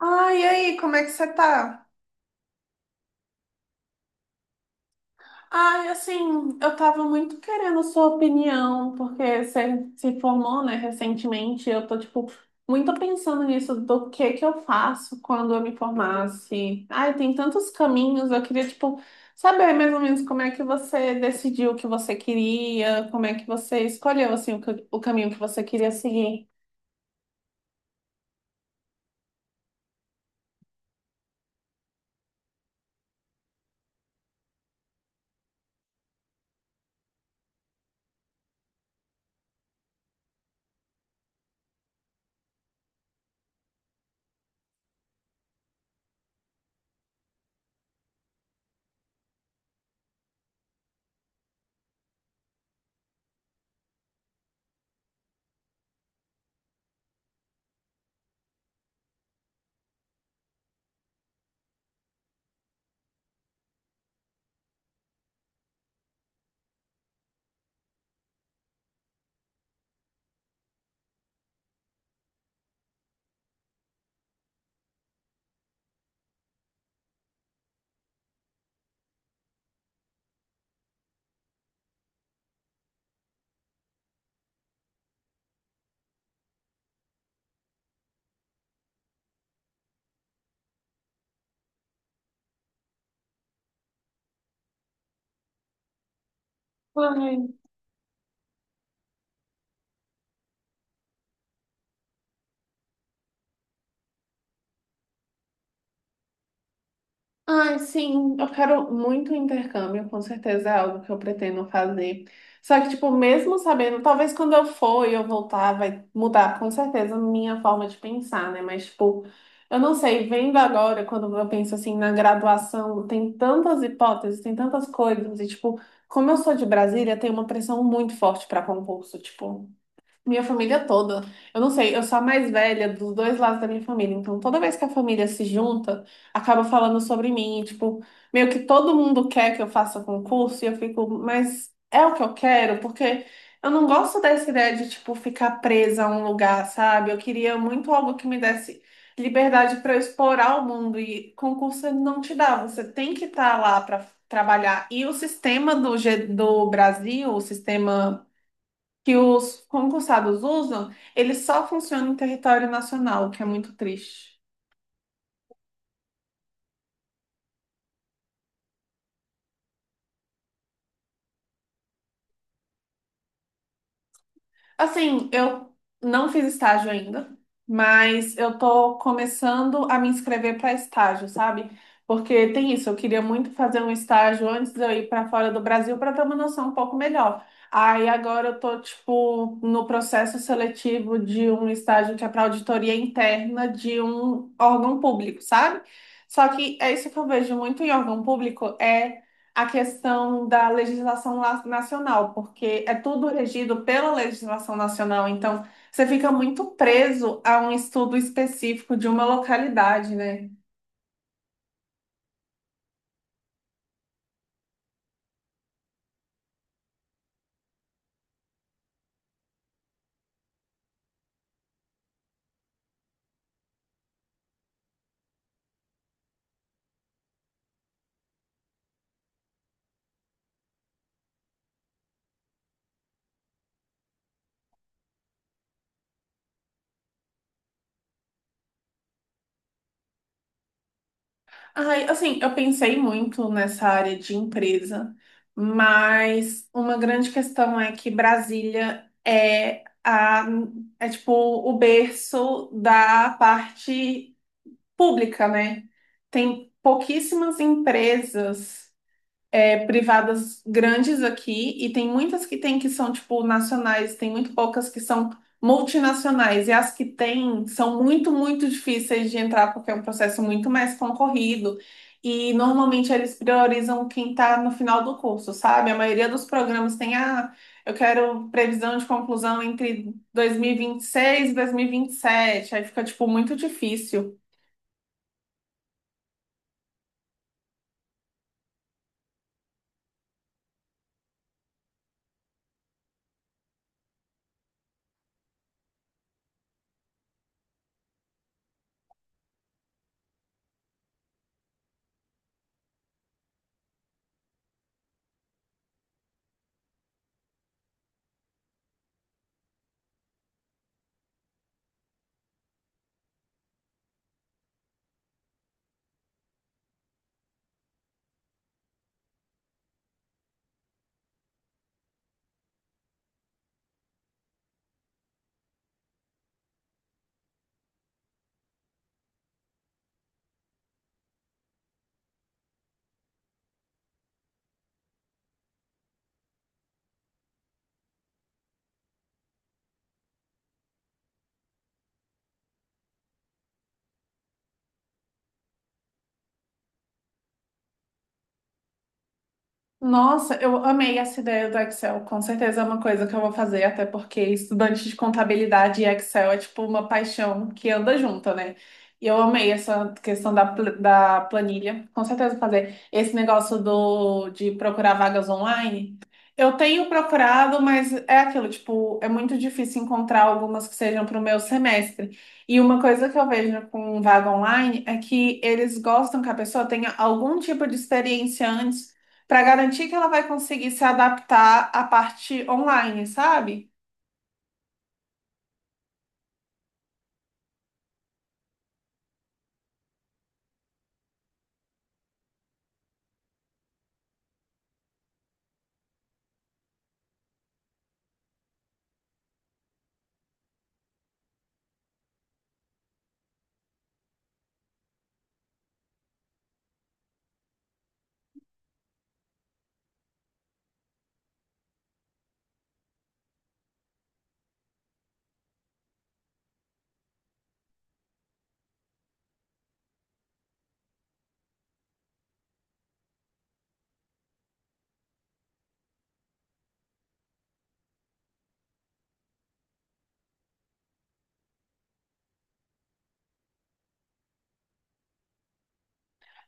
Ai, e aí, como é que você tá? Ai, assim, eu tava muito querendo a sua opinião, porque você se formou, né, recentemente, e eu tô, tipo, muito pensando nisso, do que eu faço quando eu me formasse. Ai, tem tantos caminhos, eu queria, tipo, saber mais ou menos como é que você decidiu o que você queria, como é que você escolheu, assim, o caminho que você queria seguir. Ai. Ai, sim, eu quero muito um intercâmbio, com certeza é algo que eu pretendo fazer. Só que, tipo, mesmo sabendo, talvez quando eu for e eu voltar, vai mudar com certeza a minha forma de pensar, né? Mas, tipo, eu não sei, vendo agora, quando eu penso assim na graduação, tem tantas hipóteses, tem tantas coisas, e, tipo, como eu sou de Brasília, tem uma pressão muito forte para concurso, tipo. Minha família toda. Eu não sei, eu sou a mais velha dos dois lados da minha família. Então, toda vez que a família se junta, acaba falando sobre mim. E, tipo, meio que todo mundo quer que eu faça concurso e eu fico, mas é o que eu quero? Porque eu não gosto dessa ideia de, tipo, ficar presa a um lugar, sabe? Eu queria muito algo que me desse liberdade para eu explorar o mundo e concurso não te dá. Você tem que estar lá para trabalhar. E o sistema do Brasil, o sistema que os concursados usam, ele só funciona em território nacional, o que é muito triste. Assim, eu não fiz estágio ainda, mas eu tô começando a me inscrever para estágio, sabe? Porque tem isso, eu queria muito fazer um estágio antes de eu ir para fora do Brasil para ter uma noção um pouco melhor. Aí agora eu tô, tipo, no processo seletivo de um estágio que é para auditoria interna de um órgão público, sabe? Só que é isso que eu vejo muito em órgão público, é a questão da nacional, porque é tudo regido pela legislação nacional, então você fica muito preso a um estudo específico de uma localidade, né? Ai, assim, eu pensei muito nessa área de empresa, mas uma grande questão é que Brasília é tipo o berço da parte pública, né? Tem pouquíssimas empresas, é, privadas grandes aqui e tem muitas que tem que são tipo nacionais, tem muito poucas que são multinacionais e as que tem são muito, muito difíceis de entrar porque é um processo muito mais concorrido e normalmente eles priorizam quem está no final do curso, sabe? A maioria dos programas tem ah, eu quero previsão de conclusão entre 2026 e 2027, aí fica tipo muito difícil. Nossa, eu amei essa ideia do Excel. Com certeza é uma coisa que eu vou fazer, até porque estudante de contabilidade e Excel é tipo uma paixão que anda junto, né? E eu amei essa questão da planilha. Com certeza vou fazer esse negócio de procurar vagas online. Eu tenho procurado, mas é aquilo, tipo, é muito difícil encontrar algumas que sejam para o meu semestre. E uma coisa que eu vejo com vaga online é que eles gostam que a pessoa tenha algum tipo de experiência antes para garantir que ela vai conseguir se adaptar à parte online, sabe?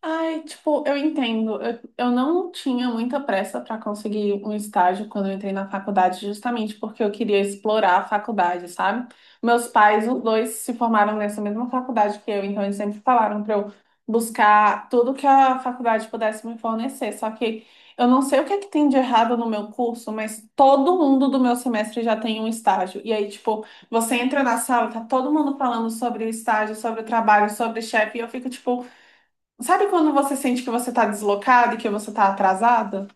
Ai, tipo, eu entendo. Eu não tinha muita pressa para conseguir um estágio quando eu entrei na faculdade, justamente porque eu queria explorar a faculdade, sabe? Meus pais, os dois, se formaram nessa mesma faculdade que eu, então eles sempre falaram para eu buscar tudo que a faculdade pudesse me fornecer. Só que eu não sei o que é que tem de errado no meu curso, mas todo mundo do meu semestre já tem um estágio. E aí, tipo, você entra na sala, tá todo mundo falando sobre o estágio, sobre o trabalho, sobre o chefe, e eu fico, tipo. Sabe quando você sente que você tá deslocada e que você tá atrasada?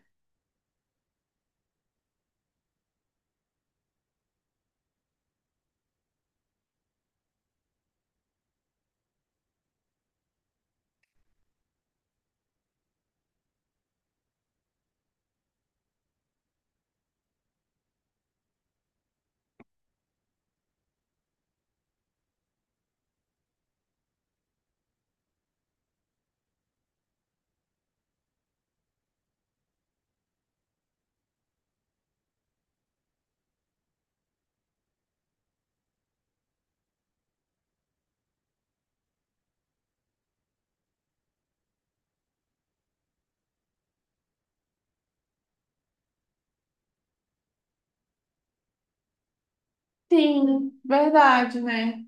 Sim, verdade, né?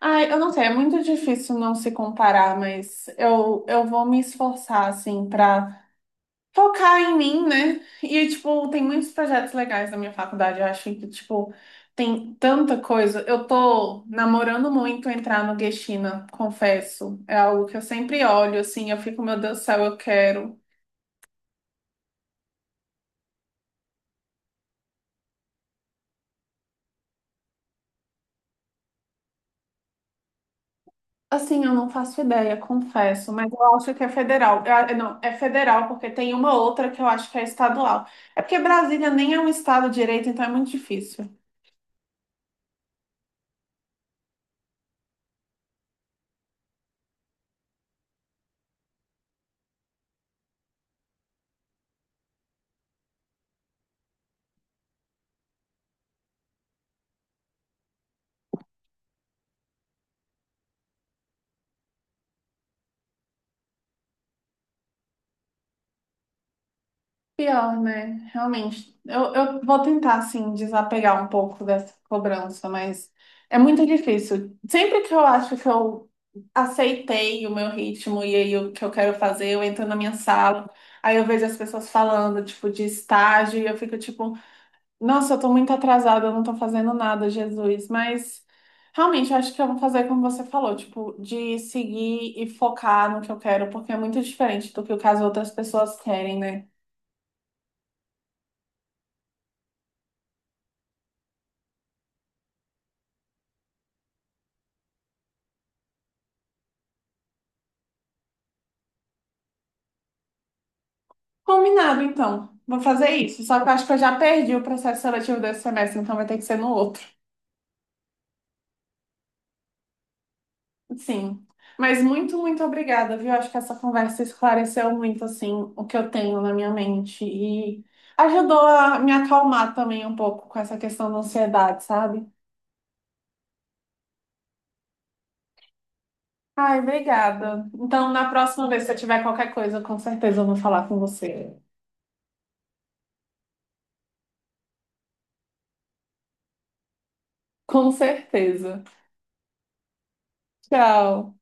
Ai, eu não sei, é muito difícil não se comparar, mas eu vou me esforçar, assim, pra focar em mim, né? E, tipo, tem muitos projetos legais na minha faculdade, eu acho que, tipo, tem tanta coisa. Eu tô namorando muito entrar no Geshina, confesso. É algo que eu sempre olho, assim, eu fico, meu Deus do céu, eu quero. Assim, eu não faço ideia, confesso, mas eu acho que é federal. Eu não, é federal porque tem uma outra que eu acho que é estadual. É porque Brasília nem é um estado direito, então é muito difícil. Pior, né? Realmente. Eu vou tentar, assim, desapegar um pouco dessa cobrança, mas é muito difícil. Sempre que eu acho que eu aceitei o meu ritmo e aí o que eu quero fazer, eu entro na minha sala, aí eu vejo as pessoas falando, tipo, de estágio, e eu fico tipo. Nossa, eu tô muito atrasada, eu não tô fazendo nada, Jesus. Mas realmente eu acho que eu vou fazer como você falou, tipo, de seguir e focar no que eu quero, porque é muito diferente do que o que as outras pessoas querem, né? Combinado, então. Vou fazer isso. Só que eu acho que eu já perdi o processo seletivo desse semestre, então vai ter que ser no outro. Sim. Mas muito, muito obrigada, viu? Acho que essa conversa esclareceu muito, assim, o que eu tenho na minha mente e ajudou a me acalmar também um pouco com essa questão da ansiedade, sabe? Ai, obrigada. Então, na próxima vez, se eu tiver qualquer coisa, com certeza eu vou falar com você. Com certeza. Tchau.